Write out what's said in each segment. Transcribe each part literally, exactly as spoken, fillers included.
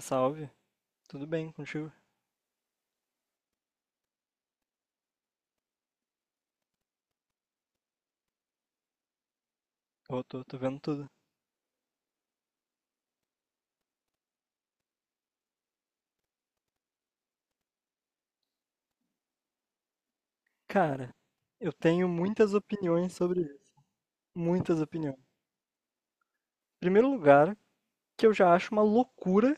Salve, tudo bem contigo? Eu tô, tô vendo tudo. Cara, eu tenho muitas opiniões sobre isso. Muitas opiniões. Em primeiro lugar, que eu já acho uma loucura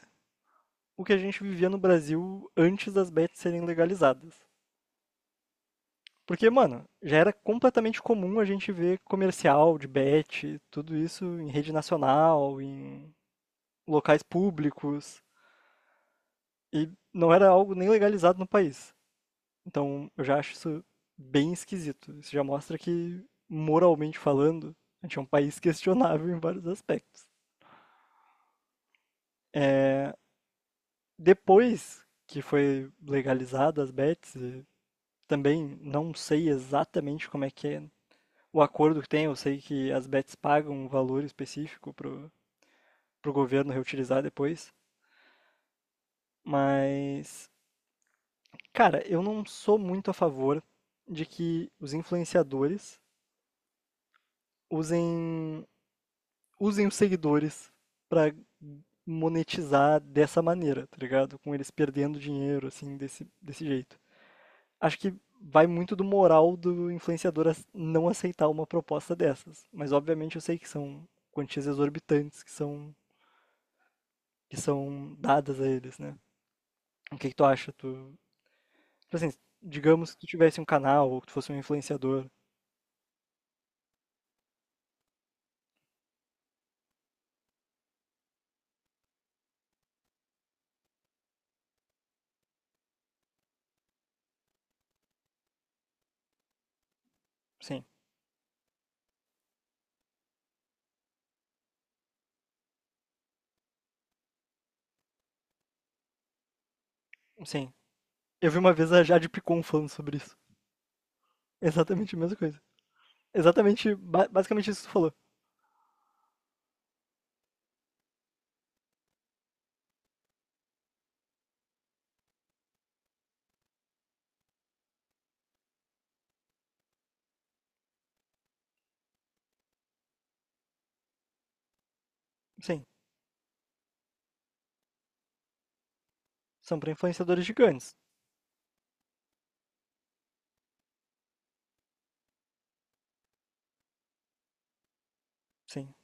o que a gente vivia no Brasil antes das bets serem legalizadas. Porque, mano, já era completamente comum a gente ver comercial de bet, tudo isso em rede nacional, em locais públicos, e não era algo nem legalizado no país. Então, eu já acho isso bem esquisito. Isso já mostra que, moralmente falando, a gente é um país questionável em vários aspectos. É, Depois que foi legalizada as bets, e também não sei exatamente como é que é o acordo que tem. Eu sei que as bets pagam um valor específico pro, pro governo reutilizar depois. Mas, cara, eu não sou muito a favor de que os influenciadores usem usem os seguidores para monetizar dessa maneira, tá ligado? Com eles perdendo dinheiro, assim, desse, desse jeito. Acho que vai muito do moral do influenciador ac- não aceitar uma proposta dessas. Mas obviamente eu sei que são quantias exorbitantes que são, que são dadas a eles, né? O que que tu acha? Tu, tipo assim, digamos que tu tivesse um canal ou que tu fosse um influenciador. Sim, sim. Eu vi uma vez a Jade Picon falando sobre isso. Exatamente a mesma coisa. Exatamente, ba- basicamente isso que tu falou. Sim. São para influenciadores gigantes, sim.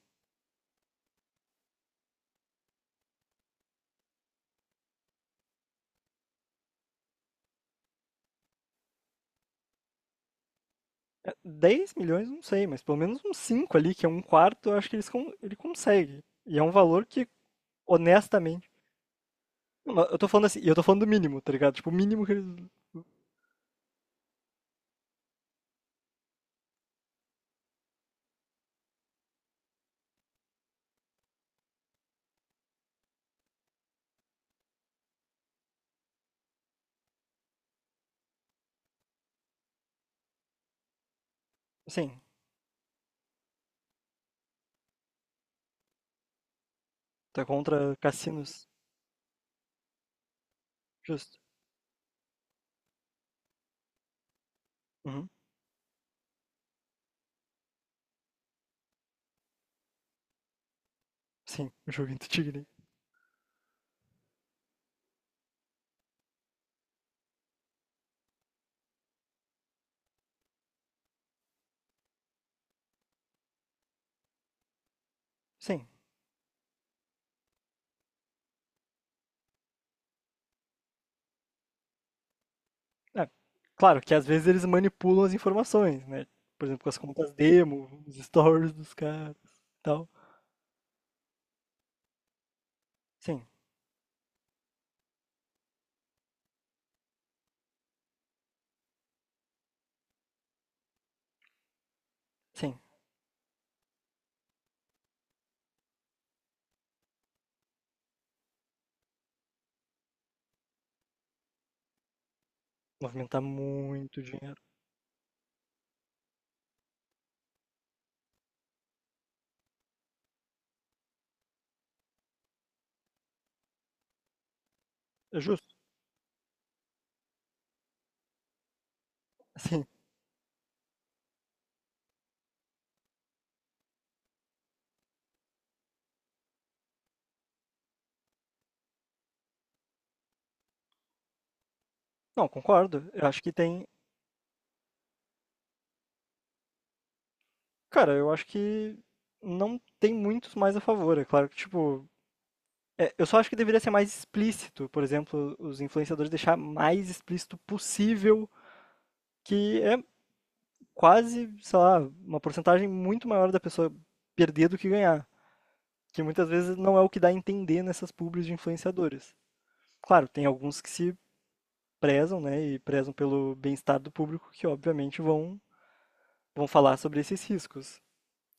É, dez milhões, não sei, mas pelo menos uns cinco ali, que é um quarto, eu acho que eles con- ele consegue. E é um valor que, honestamente. Não, eu tô falando assim, e eu tô falando do mínimo, tá ligado? Tipo, o mínimo que eles. Sim, tá contra cassinos. Justo. Uhum. Sim, o jogo Tigre. Sim. É, claro que às vezes eles manipulam as informações, né? Por exemplo, com as contas demo, os stories dos caras e tal. Sim, sim. Movimentar muito dinheiro. É justo. Sim. Não, concordo. Eu acho que tem. Cara, eu acho que não tem muitos mais a favor. É claro que, tipo. É, eu só acho que deveria ser mais explícito. Por exemplo, os influenciadores deixar mais explícito possível, que é quase, sei lá, uma porcentagem muito maior da pessoa perder do que ganhar. Que muitas vezes não é o que dá a entender nessas publis de influenciadores. Claro, tem alguns que se prezam, né, e prezam pelo bem-estar do público, que obviamente vão, vão falar sobre esses riscos,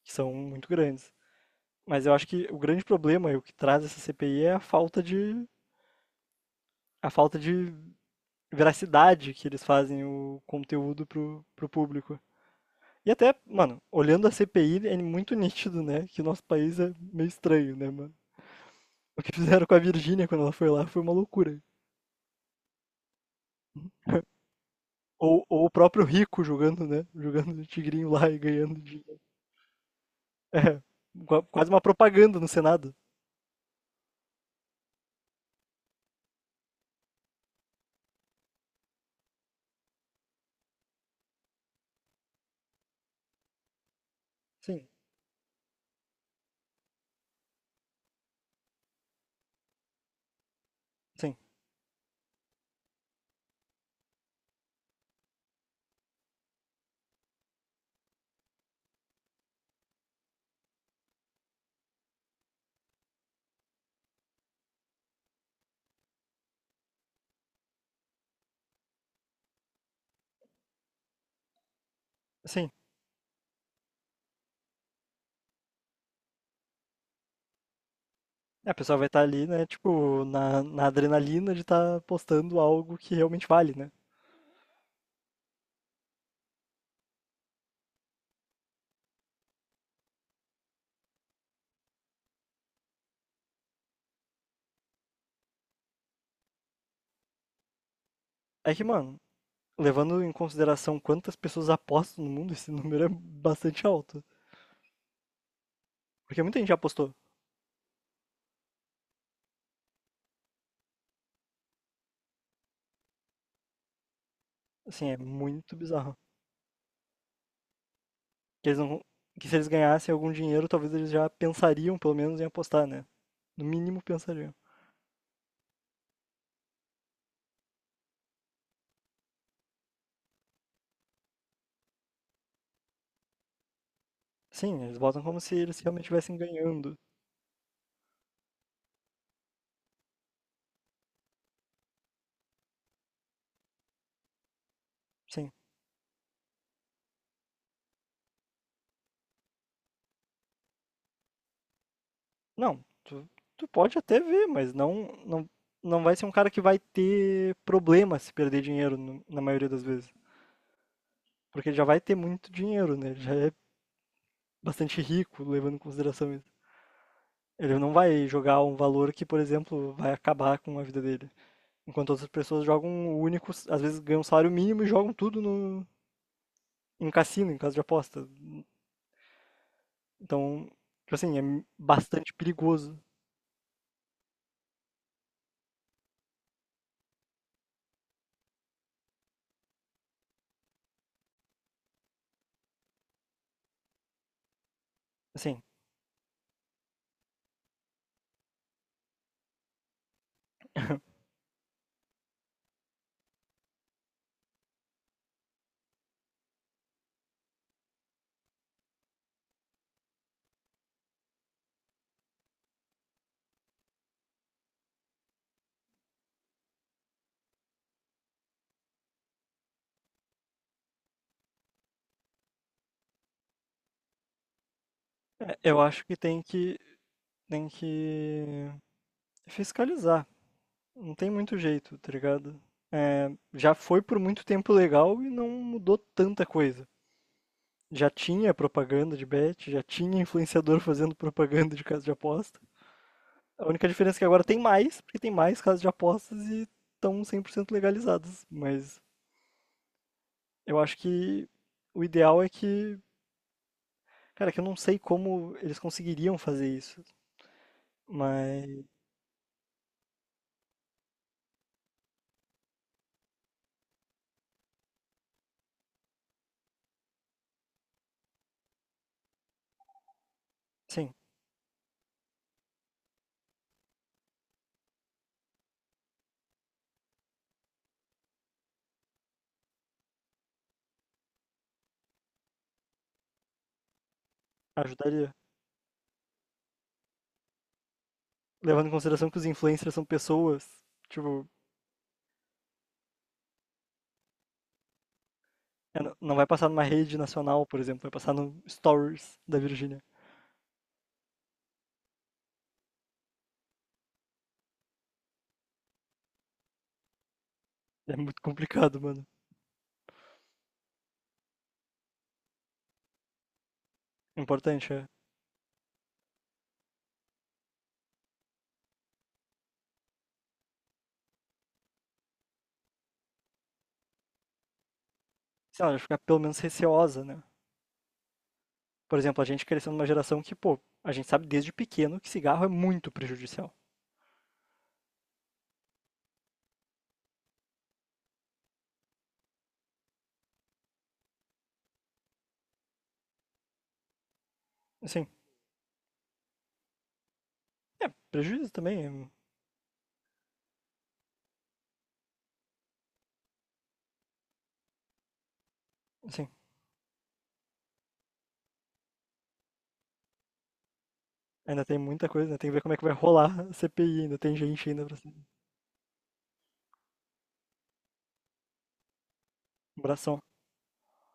que são muito grandes. Mas eu acho que o grande problema e o que traz essa C P I é a falta de, a falta de veracidade que eles fazem o conteúdo pro, pro público. E até, mano, olhando a C P I, é muito nítido, né? Que o nosso país é meio estranho, né, mano? O que fizeram com a Virgínia quando ela foi lá foi uma loucura. Ou, ou o próprio Rico jogando, né? Jogando o tigrinho lá e ganhando dinheiro. É, quase uma propaganda no Senado. Sim, sim, sim. É, a pessoa vai estar ali, né, tipo, na, na adrenalina de estar apostando algo que realmente vale, né? É que, mano, levando em consideração quantas pessoas apostam no mundo, esse número é bastante alto. Porque muita gente já apostou. Assim, é muito bizarro. Que eles não, que se eles ganhassem algum dinheiro, talvez eles já pensariam, pelo menos, em apostar, né? No mínimo pensariam. Sim, eles botam como se eles realmente estivessem ganhando. Sim. Não, tu, tu pode até ver, mas não, não, não vai ser um cara que vai ter problema se perder dinheiro no- na maioria das vezes. Porque ele já vai ter muito dinheiro, né? Ele já é bastante rico, levando em consideração isso. Ele não vai jogar um valor que, por exemplo, vai acabar com a vida dele. Enquanto outras pessoas jogam um único, às vezes ganham um salário mínimo e jogam tudo no, em cassino, em casa de aposta. Então, tipo assim, é bastante perigoso. Assim, é- eu acho que tem que, tem que fiscalizar. Não tem muito jeito, tá ligado? É, já foi por muito tempo legal e não mudou tanta coisa. Já tinha propaganda de bet, já tinha influenciador fazendo propaganda de casa de aposta. A única diferença é que agora tem mais, porque tem mais casas de apostas e estão cem por cento legalizadas. Mas eu acho que o ideal é que. Cara, que eu não sei como eles conseguiriam fazer isso. Mas, sim, ajudaria. Levando em consideração que os influencers são pessoas, tipo, é, não não vai passar numa rede nacional, por exemplo, vai passar no Stories da Virgínia. É muito complicado, mano. O importante é, sei lá, ficar pelo menos receosa, né? Por exemplo, a gente cresceu numa geração que, pô, a gente sabe desde pequeno que cigarro é muito prejudicial. Assim, é, prejuízo também, é, assim, ainda tem muita coisa, né? Tem que ver como é que vai rolar a C P I, ainda tem gente ainda pra se abração.